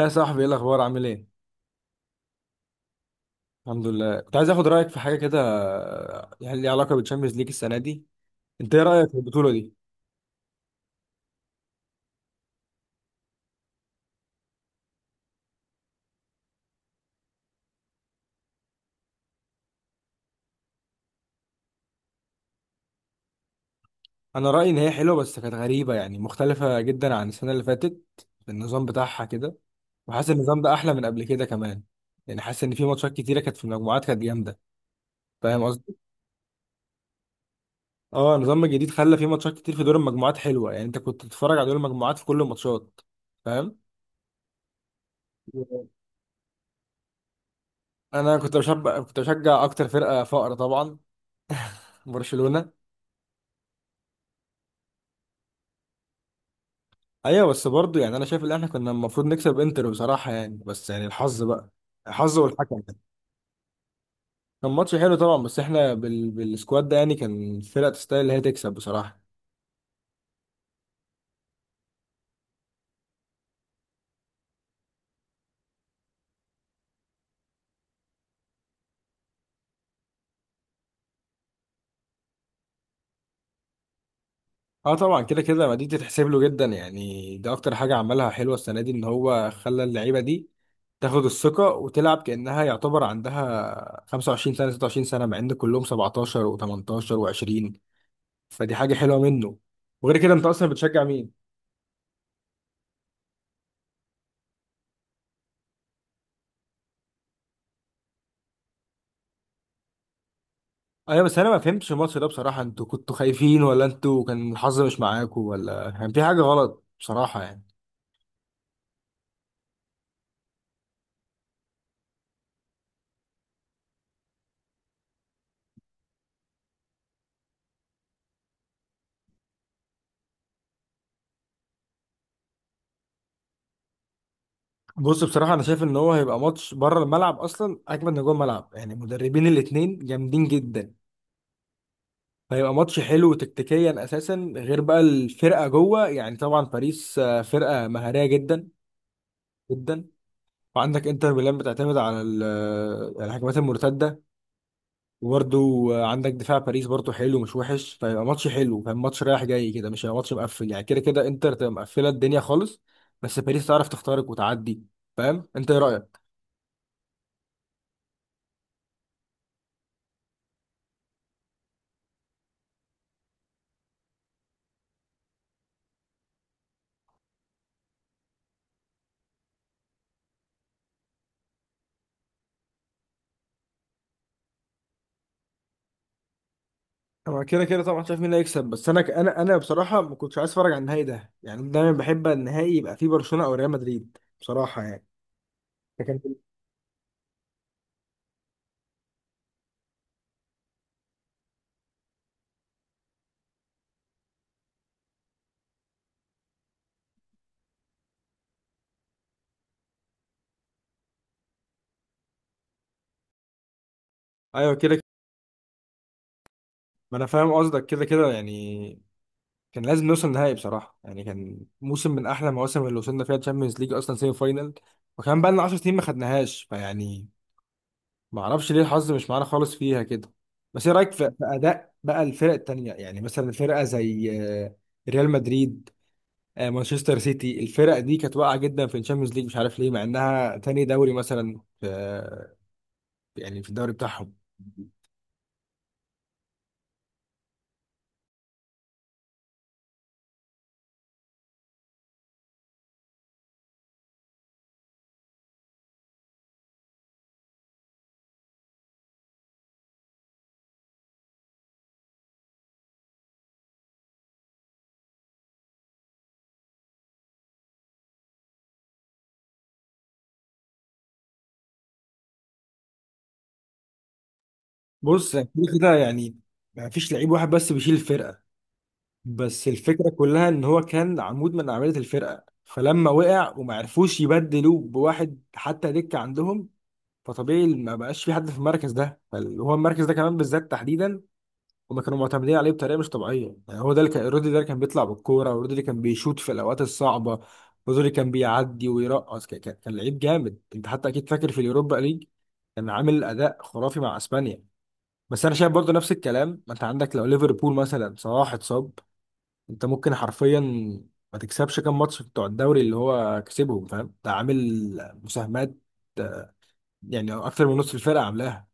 يا صاحبي، ايه الاخبار؟ عامل ايه؟ الحمد لله، كنت عايز اخد رايك في حاجه كده، يعني ليها علاقه بالتشامبيونز ليج السنه دي. انت ايه رايك في البطوله دي؟ انا رايي ان هي حلوه بس كانت غريبه، يعني مختلفه جدا عن السنه اللي فاتت في النظام بتاعها كده. وحاسس إن النظام ده احلى من قبل كده كمان. يعني حاسس ان في ماتشات كتيره كانت في المجموعات كانت جامده. فاهم قصدي؟ اه، النظام الجديد خلى في ماتشات كتير في دور المجموعات حلوه، يعني انت كنت تتفرج على دور المجموعات في كل الماتشات. فاهم؟ انا كنت بشجع اكتر فرقه فقر طبعا، برشلونه. ايوه بس برضه يعني انا شايف ان احنا كنا المفروض نكسب انتر بصراحه يعني، بس يعني الحظ بقى، الحظ والحكم يعني. كان ماتش حلو طبعا، بس احنا بالسكواد ده يعني كان الفرقه تستاهل اللي هي تكسب بصراحه. اه طبعا، كده كده ما دي تتحسب له جدا، يعني ده اكتر حاجه عملها حلوه السنه دي ان هو خلى اللعيبه دي تاخد الثقه وتلعب كانها يعتبر عندها 25 سنه 26 سنه، مع ان كلهم 17 و18 و20. فدي حاجه حلوه منه. وغير كده انت اصلا بتشجع مين؟ ايوه بس انا ما فهمتش الماتش ده بصراحه. انتوا كنتوا خايفين، ولا انتوا كان الحظ مش معاكوا، ولا كان في حاجه غلط بصراحه يعني؟ بص، بصراحه انا شايف ان هو هيبقى ماتش بره الملعب اصلا اجمل من جوه الملعب، يعني المدربين الاتنين جامدين جدا. فهيبقى ماتش حلو تكتيكيا اساسا، غير بقى الفرقه جوه. يعني طبعا باريس فرقه مهاريه جدا جدا. وعندك انتر ميلان بتعتمد على الهجمات المرتده. وبرده عندك دفاع باريس برضه حلو، مش وحش. فيبقى ماتش حلو، فاهم، ماتش رايح جاي كده. مش هيبقى ماتش مقفل، يعني كده كده انتر تبقى مقفله الدنيا خالص. بس باريس تعرف تخترق وتعدي، فاهم. انت ايه رايك؟ انا كده كده طبعا شايف مين اللي هيكسب، بس انا بصراحه ما كنتش عايز اتفرج على النهائي ده، يعني أنا دايما بحب النهائي يبقى فيه برشلونه او ريال مدريد بصراحه يعني. لكن ايوه كده كده، ما انا فاهم قصدك كده كده يعني. كان لازم نوصل نهائي بصراحة، يعني كان موسم من أحلى المواسم اللي وصلنا فيها تشامبيونز ليج أصلا سيمي فاينال. وكان بقى لنا 10 سنين ما خدناهاش، فيعني ما أعرفش ليه الحظ مش معانا خالص فيها كده. بس إيه رأيك في أداء بقى الفرق التانية؟ يعني مثلا فرقة زي ريال مدريد، مانشستر سيتي، الفرق دي كانت واقعة جدا في الشامبيونز ليج، مش عارف ليه، مع إنها تاني دوري مثلا في، يعني في الدوري بتاعهم. بص يعني كده كده يعني ما فيش لعيب واحد بس بيشيل الفرقة. بس الفكرة كلها ان هو كان عمود من اعمدة الفرقة، فلما وقع وما عرفوش يبدلوه بواحد حتى دكة عندهم، فطبيعي ما بقاش في حد في المركز ده. هو المركز ده كمان بالذات تحديدا هما كانوا معتمدين عليه بطريقة مش طبيعية. يعني هو ده اللي كان، رودري ده اللي كان بيطلع بالكورة، ورودري اللي كان بيشوط في الاوقات الصعبة، رودري اللي كان بيعدي ويرقص، كان لعيب جامد. انت حتى اكيد فاكر في اليوروبا ليج كان عامل اداء خرافي مع اسبانيا. بس انا شايف برضه نفس الكلام، ما انت عندك لو ليفربول مثلا صلاح اتصاب انت ممكن حرفيا ما تكسبش كام ماتش بتوع الدوري اللي هو كسبهم، فاهم؟ ده عامل مساهمات يعني اكتر من نص الفرقه عاملاها.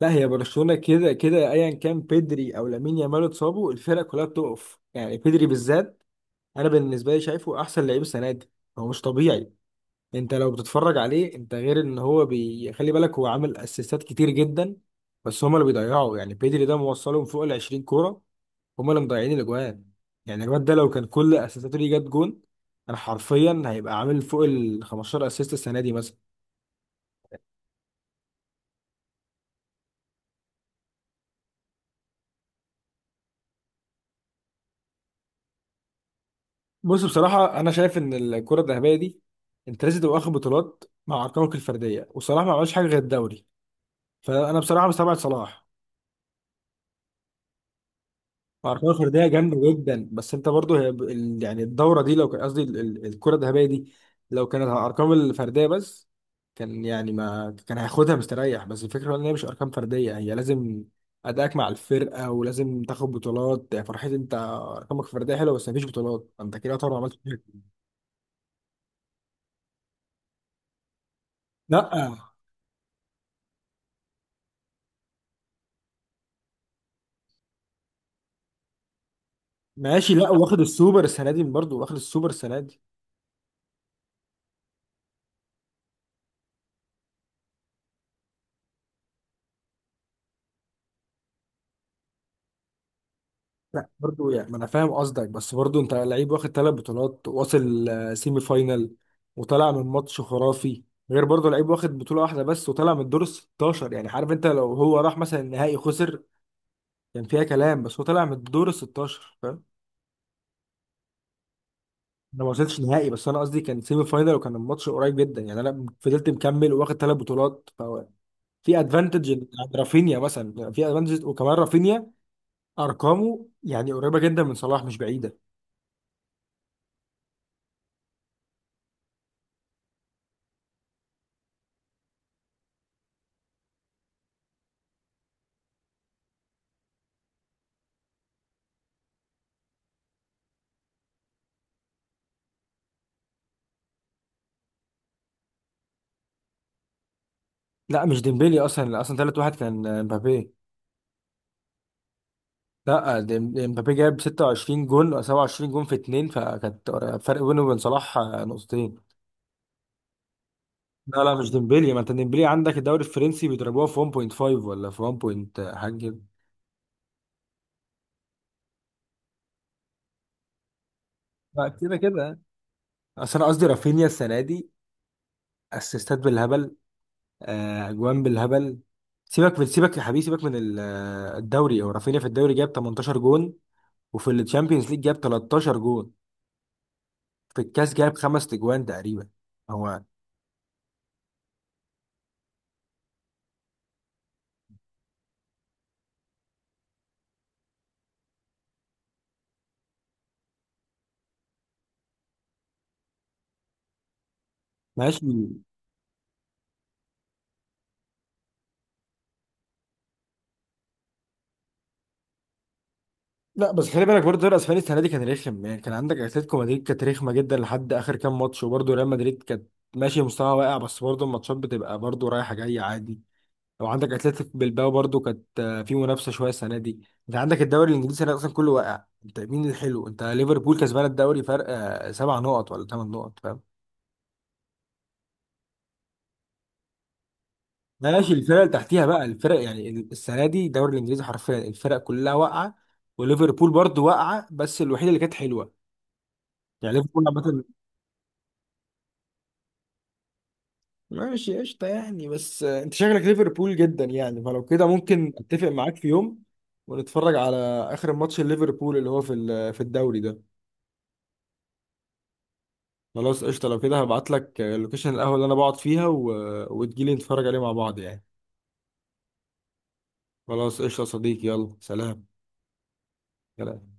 لا، هي برشلونه كده كده ايا كان بيدري او لامين يامال اتصابوا الفرقه كلها بتقف، يعني بيدري بالذات انا بالنسبه لي شايفه احسن لعيب السنه دي. هو مش طبيعي. انت لو بتتفرج عليه، انت غير ان هو خلي بالك، هو عامل اسيستات كتير جدا بس هما اللي بيضيعوا. يعني بيدري ده موصلهم فوق ال 20 كوره، هما اللي مضيعين الاجوان. يعني الواد ده لو كان كل اسيستاته ليه جت جون، انا حرفيا هيبقى عامل فوق ال 15 اسيست السنه دي مثلا. بص، بصراحه انا شايف ان الكره الذهبيه دي انت لازم تبقى واخد بطولات مع ارقامك الفرديه، وصلاح ما عملش حاجه غير الدوري، فانا بصراحه مستبعد صلاح. ارقام فرديه جامده جدا، بس انت برضو هي يعني الدوره دي لو كان قصدي الكره الذهبيه دي، لو كانت على الارقام الفرديه بس كان يعني ما كان هياخدها مستريح. بس الفكره ان هي مش ارقام فرديه، هي لازم ادائك مع الفرقه ولازم تاخد بطولات، يعني فرحتي انت ارقامك الفرديه حلوه بس مفيش بطولات، انت كده طبعا عملت حاجة. لا، ماشي، لا، واخد السوبر السنه دي، برضو واخد السوبر السنه دي. لا برضو يعني ما انا فاهم قصدك، بس برضو انت لعيب واخد ثلاث بطولات واصل سيمي فاينال وطلع من ماتش خرافي، غير برضو لعيب واخد بطولة واحدة بس وطلع من الدور ال 16، يعني عارف انت لو هو راح مثلا النهائي خسر كان فيها كلام، بس هو طلع من الدور ال 16، فاهم؟ انا ما وصلتش نهائي، بس انا قصدي كان سيمي فاينال وكان الماتش قريب جدا، يعني انا فضلت مكمل وواخد ثلاث بطولات، فهو في ادفانتج عند رافينيا مثلا، يعني في ادفانتج. وكمان رافينيا ارقامه يعني قريبة جدا من صلاح، مش بعيدة. لا، مش ديمبلي، اصلا ثالث واحد كان امبابي. لا، امبابي جاب 26 جون أو 27 جون في اتنين، فكانت فرق بينه وبين صلاح نقطتين. لا لا مش ديمبلي، ما انت ديمبلي عندك الدوري الفرنسي بيضربوها في 1.5 ولا في 1 point حاجه كده. لا، كده كده اصل انا قصدي رافينيا السنه دي اسيستات بالهبل، اجوان بالهبل. سيبك من، سيبك يا حبيبي، سيبك من الدوري هو رافينيا في الدوري جاب 18 جون، وفي الشامبيونز ليج جاب 13 جون، في الكاس جاب خمس اجوان تقريبا هو. ماشي. لا بس خلي بالك برضه الدوري الاسباني السنه دي كان رخم، يعني كان عندك اتلتيكو مدريد كانت رخمه جدا لحد اخر كام ماتش، وبرضه ريال مدريد كانت ماشي مستوى واقع، بس برضه الماتشات بتبقى برضه رايحه جايه عادي. لو عندك اتلتيك بلباو برضه كانت في منافسه شويه السنه دي. انت عندك الدوري الانجليزي السنة دي اصلا كله واقع. انت مين الحلو؟ انت ليفربول كسبان الدوري فرق سبع نقط ولا ثمان نقط، فاهم. ماشي، الفرق اللي تحتيها بقى الفرق يعني السنه دي الدوري الانجليزي حرفيا الفرق كلها واقعه، وليفربول برضه واقعه بس الوحيده اللي كانت حلوه، يعني ليفربول عامة. ماشي قشطة يعني، بس انت شكلك ليفربول جدا يعني، فلو كده ممكن اتفق معاك في يوم ونتفرج على اخر ماتش ليفربول اللي هو في الدوري ده. خلاص قشطة، لو كده هبعت لك لوكيشن القهوة اللي انا بقعد فيها وتجيلي نتفرج عليه مع بعض يعني. خلاص قشطة يا صديقي، يلا سلام. سلام.